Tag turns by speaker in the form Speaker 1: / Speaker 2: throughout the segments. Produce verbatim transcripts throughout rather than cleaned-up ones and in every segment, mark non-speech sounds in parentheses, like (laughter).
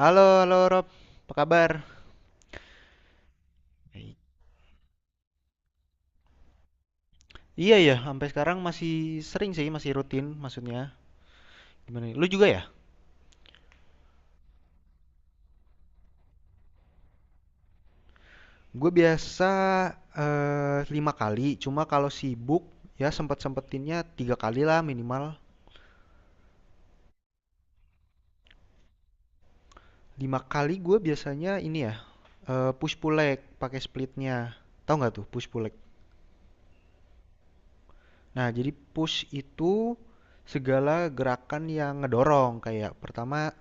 Speaker 1: Halo, halo Rob, apa kabar? Iya ya, sampai sekarang masih sering sih, masih rutin maksudnya. Gimana? nih? Lu juga ya? Gue biasa eh, lima kali, cuma kalau sibuk ya sempet-sempetinnya tiga kali lah minimal. Lima kali gue biasanya ini ya, eh, push pull leg pakai splitnya. Tahu nggak tuh push pull leg? Nah, jadi push itu segala gerakan yang ngedorong kayak pertama.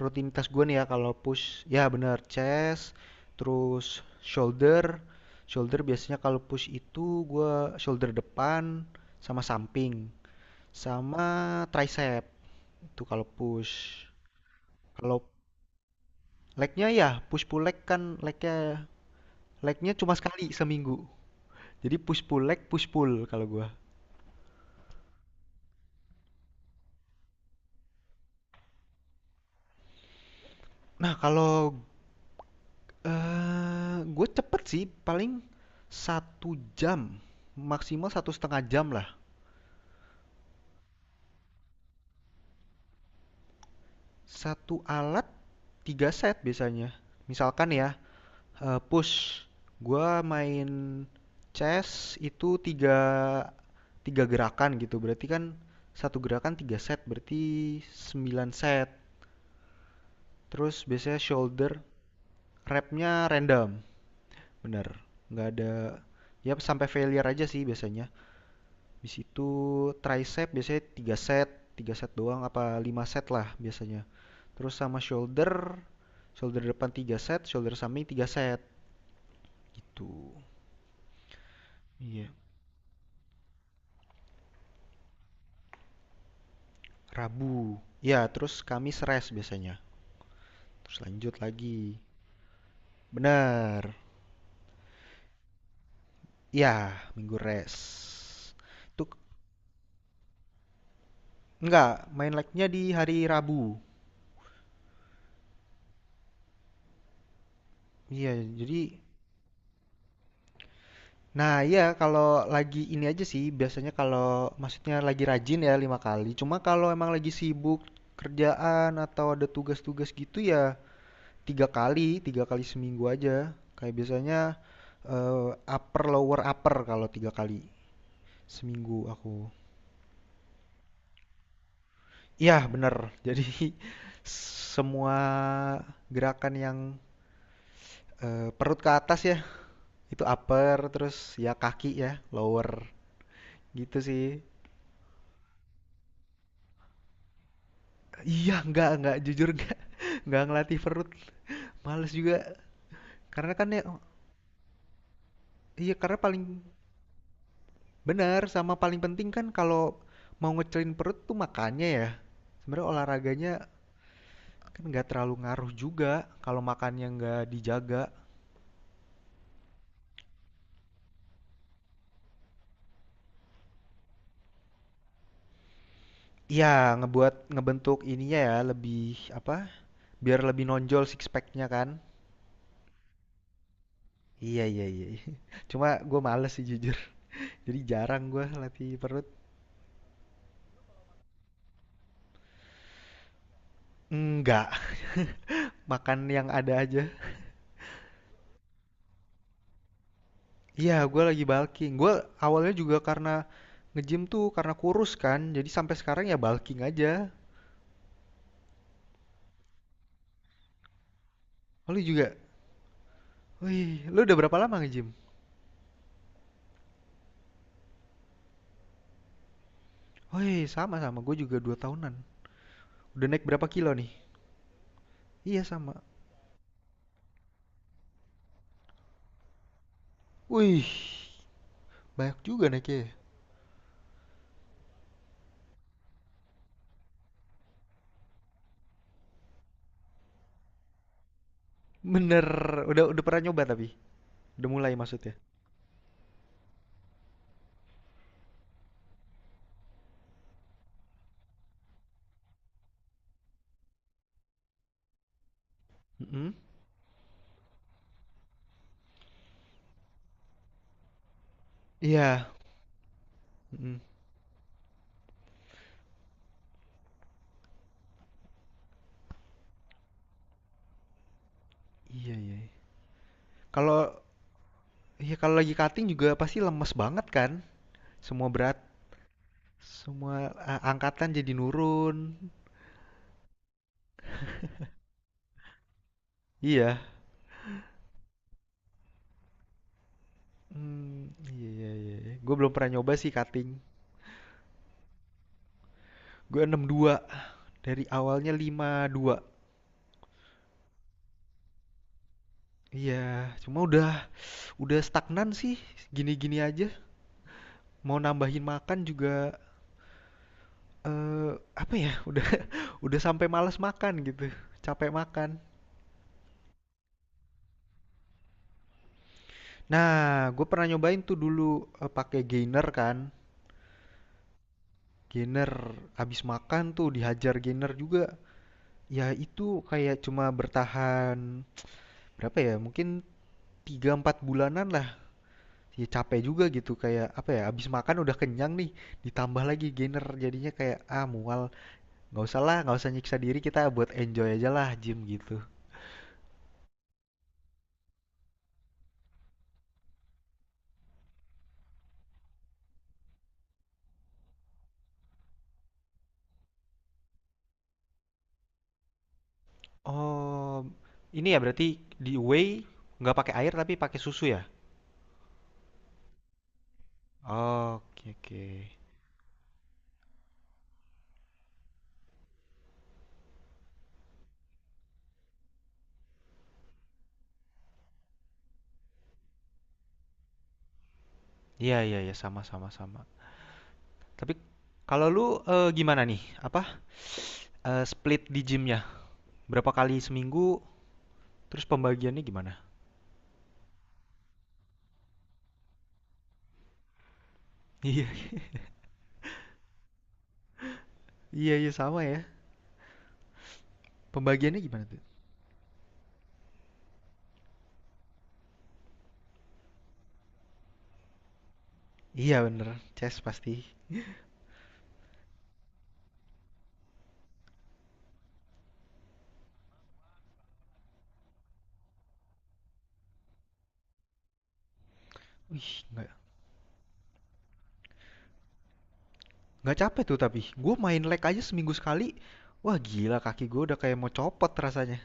Speaker 1: Rutinitas gue nih ya kalau push, ya bener chest, terus shoulder. Shoulder biasanya kalau push itu gue shoulder depan sama samping, sama tricep itu kalau push. Kalau legnya ya push pull leg kan legnya legnya cuma sekali seminggu. Jadi push pull leg push pull kalau gue. Nah kalau eh gue cepet sih paling satu jam maksimal satu setengah jam lah. Satu alat tiga set biasanya. Misalkan ya, eh, push. Gua main chess itu tiga tiga gerakan gitu. Berarti kan satu gerakan tiga set, berarti sembilan set. Terus biasanya shoulder repnya random. Bener. Nggak ada, ya sampai failure aja sih biasanya. Di situ tricep biasanya tiga set, tiga set doang apa lima set lah biasanya. Terus sama shoulder, shoulder depan tiga set, shoulder samping tiga set. Gitu. Iya. Rabu. Ya, terus Kamis rest biasanya. Terus lanjut lagi. Benar. Ya, Minggu rest. Itu enggak, main like-nya di hari Rabu. Iya, jadi nah iya kalau lagi ini aja sih biasanya kalau maksudnya lagi rajin ya lima kali. Cuma kalau emang lagi sibuk kerjaan atau ada tugas-tugas gitu ya tiga kali, tiga kali seminggu aja. Kayak biasanya eh, upper lower upper kalau tiga kali. Seminggu aku. Iya, bener. (laughs) Jadi semua gerakan yang eh, perut ke atas ya, itu upper, terus ya kaki ya, lower. Gitu sih. Iya, enggak, enggak, jujur enggak. Enggak (laughs) ngelatih perut. Males juga. Karena kan ya, iya karena paling benar, sama paling penting kan kalau mau ngecilin perut tuh makannya ya. Sebenarnya olahraganya kan nggak terlalu ngaruh juga kalau makannya nggak dijaga. Iya, ngebuat ngebentuk ininya ya lebih apa? Biar lebih nonjol six pack-nya kan? Iya iya iya. Iya. (laughs) Cuma gue males sih jujur. Jadi jarang gue latih perut. Enggak, makan yang ada aja. Iya, gue lagi bulking. Gue awalnya juga karena nge-gym tuh karena kurus kan. Jadi sampai sekarang ya bulking aja. Oh, lu juga? Wih, lu udah berapa lama nge-gym? Wih, sama-sama. Gue juga dua tahunan. Udah naik berapa kilo nih? Iya, sama. Wih, banyak juga naiknya. Ya. Bener, udah udah pernah nyoba tapi? Udah mulai maksudnya? Mhm. Iya. Mhm. Iya iya. Kalau ya kalau lagi cutting juga pasti lemes banget kan? Semua berat, semua a- angkatan jadi nurun. Iya. Hmm, iya iya iya. Iya. Gue belum pernah nyoba sih cutting. Gue enam puluh dua dari awalnya lima puluh dua. Iya, cuma udah udah stagnan sih. Gini-gini aja. Mau nambahin makan juga, Eee, apa ya, udah (laughs) udah sampai malas makan gitu, capek makan. Nah, gue pernah nyobain tuh dulu, eee, pakai gainer kan, gainer habis makan tuh dihajar gainer juga. Ya itu kayak cuma bertahan berapa ya, mungkin tiga empat bulanan lah, ya capek juga gitu kayak apa ya, habis makan udah kenyang nih, ditambah lagi gainer jadinya kayak, "Ah mual, nggak usah lah, nggak usah nyiksa diri, kita buat enjoy aja lah gym," gitu. Oh, ini ya berarti di whey nggak pakai air tapi pakai susu ya? Oke oke. Iya iya iya sama sama sama. Tapi kalau lu eh, gimana nih? Apa eh, split di gymnya? Berapa kali seminggu? Terus pembagiannya gimana? Iya (laughs) iya iya sama ya. Pembagiannya gimana tuh? Iya bener, chest pasti. Wih, nggak nggak capek tuh tapi. Gue main leg aja seminggu sekali. Wah gila kaki gue udah kayak mau copot rasanya.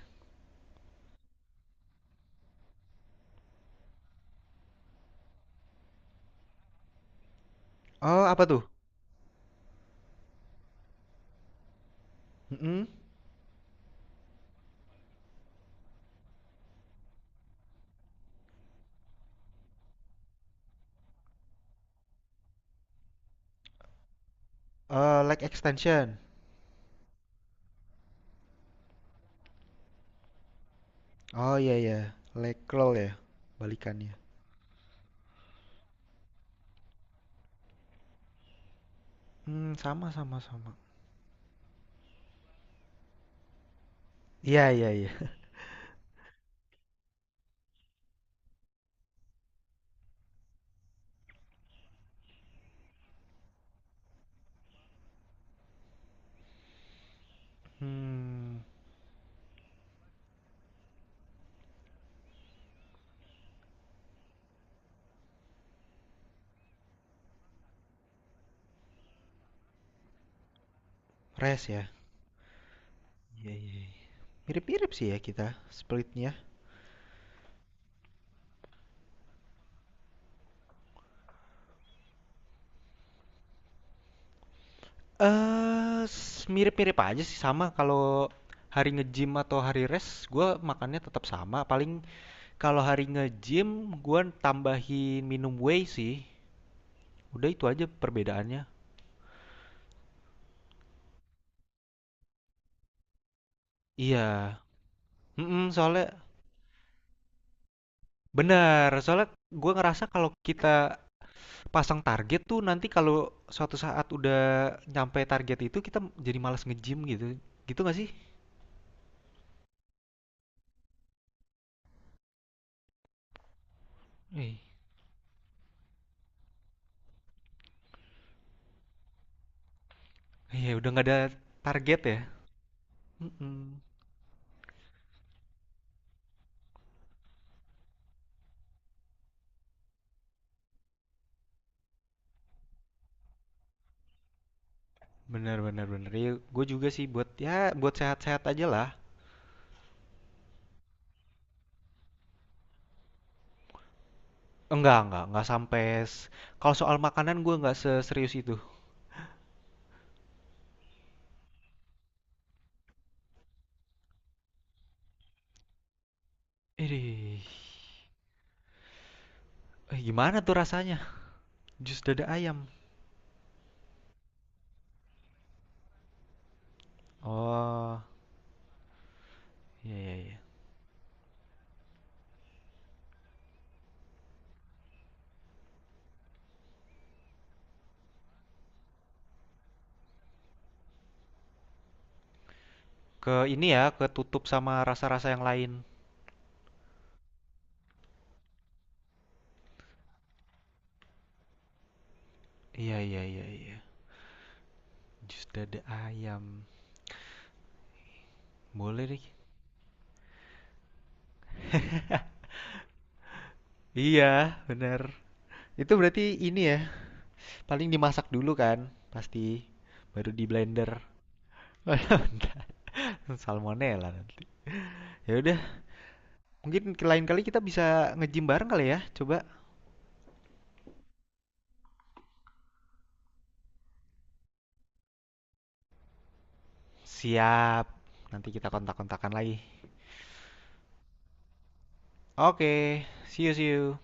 Speaker 1: Oh apa tuh? Mm-mm. Eh, leg extension. Oh iya iya, Lakeroll ya balikannya. Hmm, sama sama sama. Iya iya iya. Hmm, res ya. Iya iya. Mirip-mirip sih ya kita splitnya. Eh, s- mirip-mirip aja sih sama kalau hari nge-gym atau hari rest, gua makannya tetap sama. Paling kalau hari nge-gym gua tambahin minum whey sih. Udah itu aja perbedaannya. Iya. Mm, soalnya bener. Soalnya gua ngerasa kalau kita pasang target tuh nanti kalau suatu saat udah nyampe target itu kita jadi malas nge-gym gitu. Gitu gak sih? Eh, iya udah nggak ada target ya. Mm-mm. Bener bener bener. Iya, gue juga sih buat ya buat sehat-sehat aja lah. Enggak enggak enggak sampai. s- Kalau soal makanan gue nggak seserius itu. Ih, eh, gimana tuh rasanya? Jus dada ayam. Oh, iya iya iya. Ke ini ya, ketutup sama rasa-rasa yang lain. Iya iya iya iya. Jus dada ayam. Boleh nih. (laughs) Iya, benar. Itu berarti ini ya, paling dimasak dulu kan, pasti baru di blender. (laughs) Waduh, bentar. Salmonella nanti. Ya udah, mungkin ke lain kali kita bisa nge-gym bareng kali ya. Coba. Siap. Nanti kita kontak-kontakan lagi. Oke, see you see you.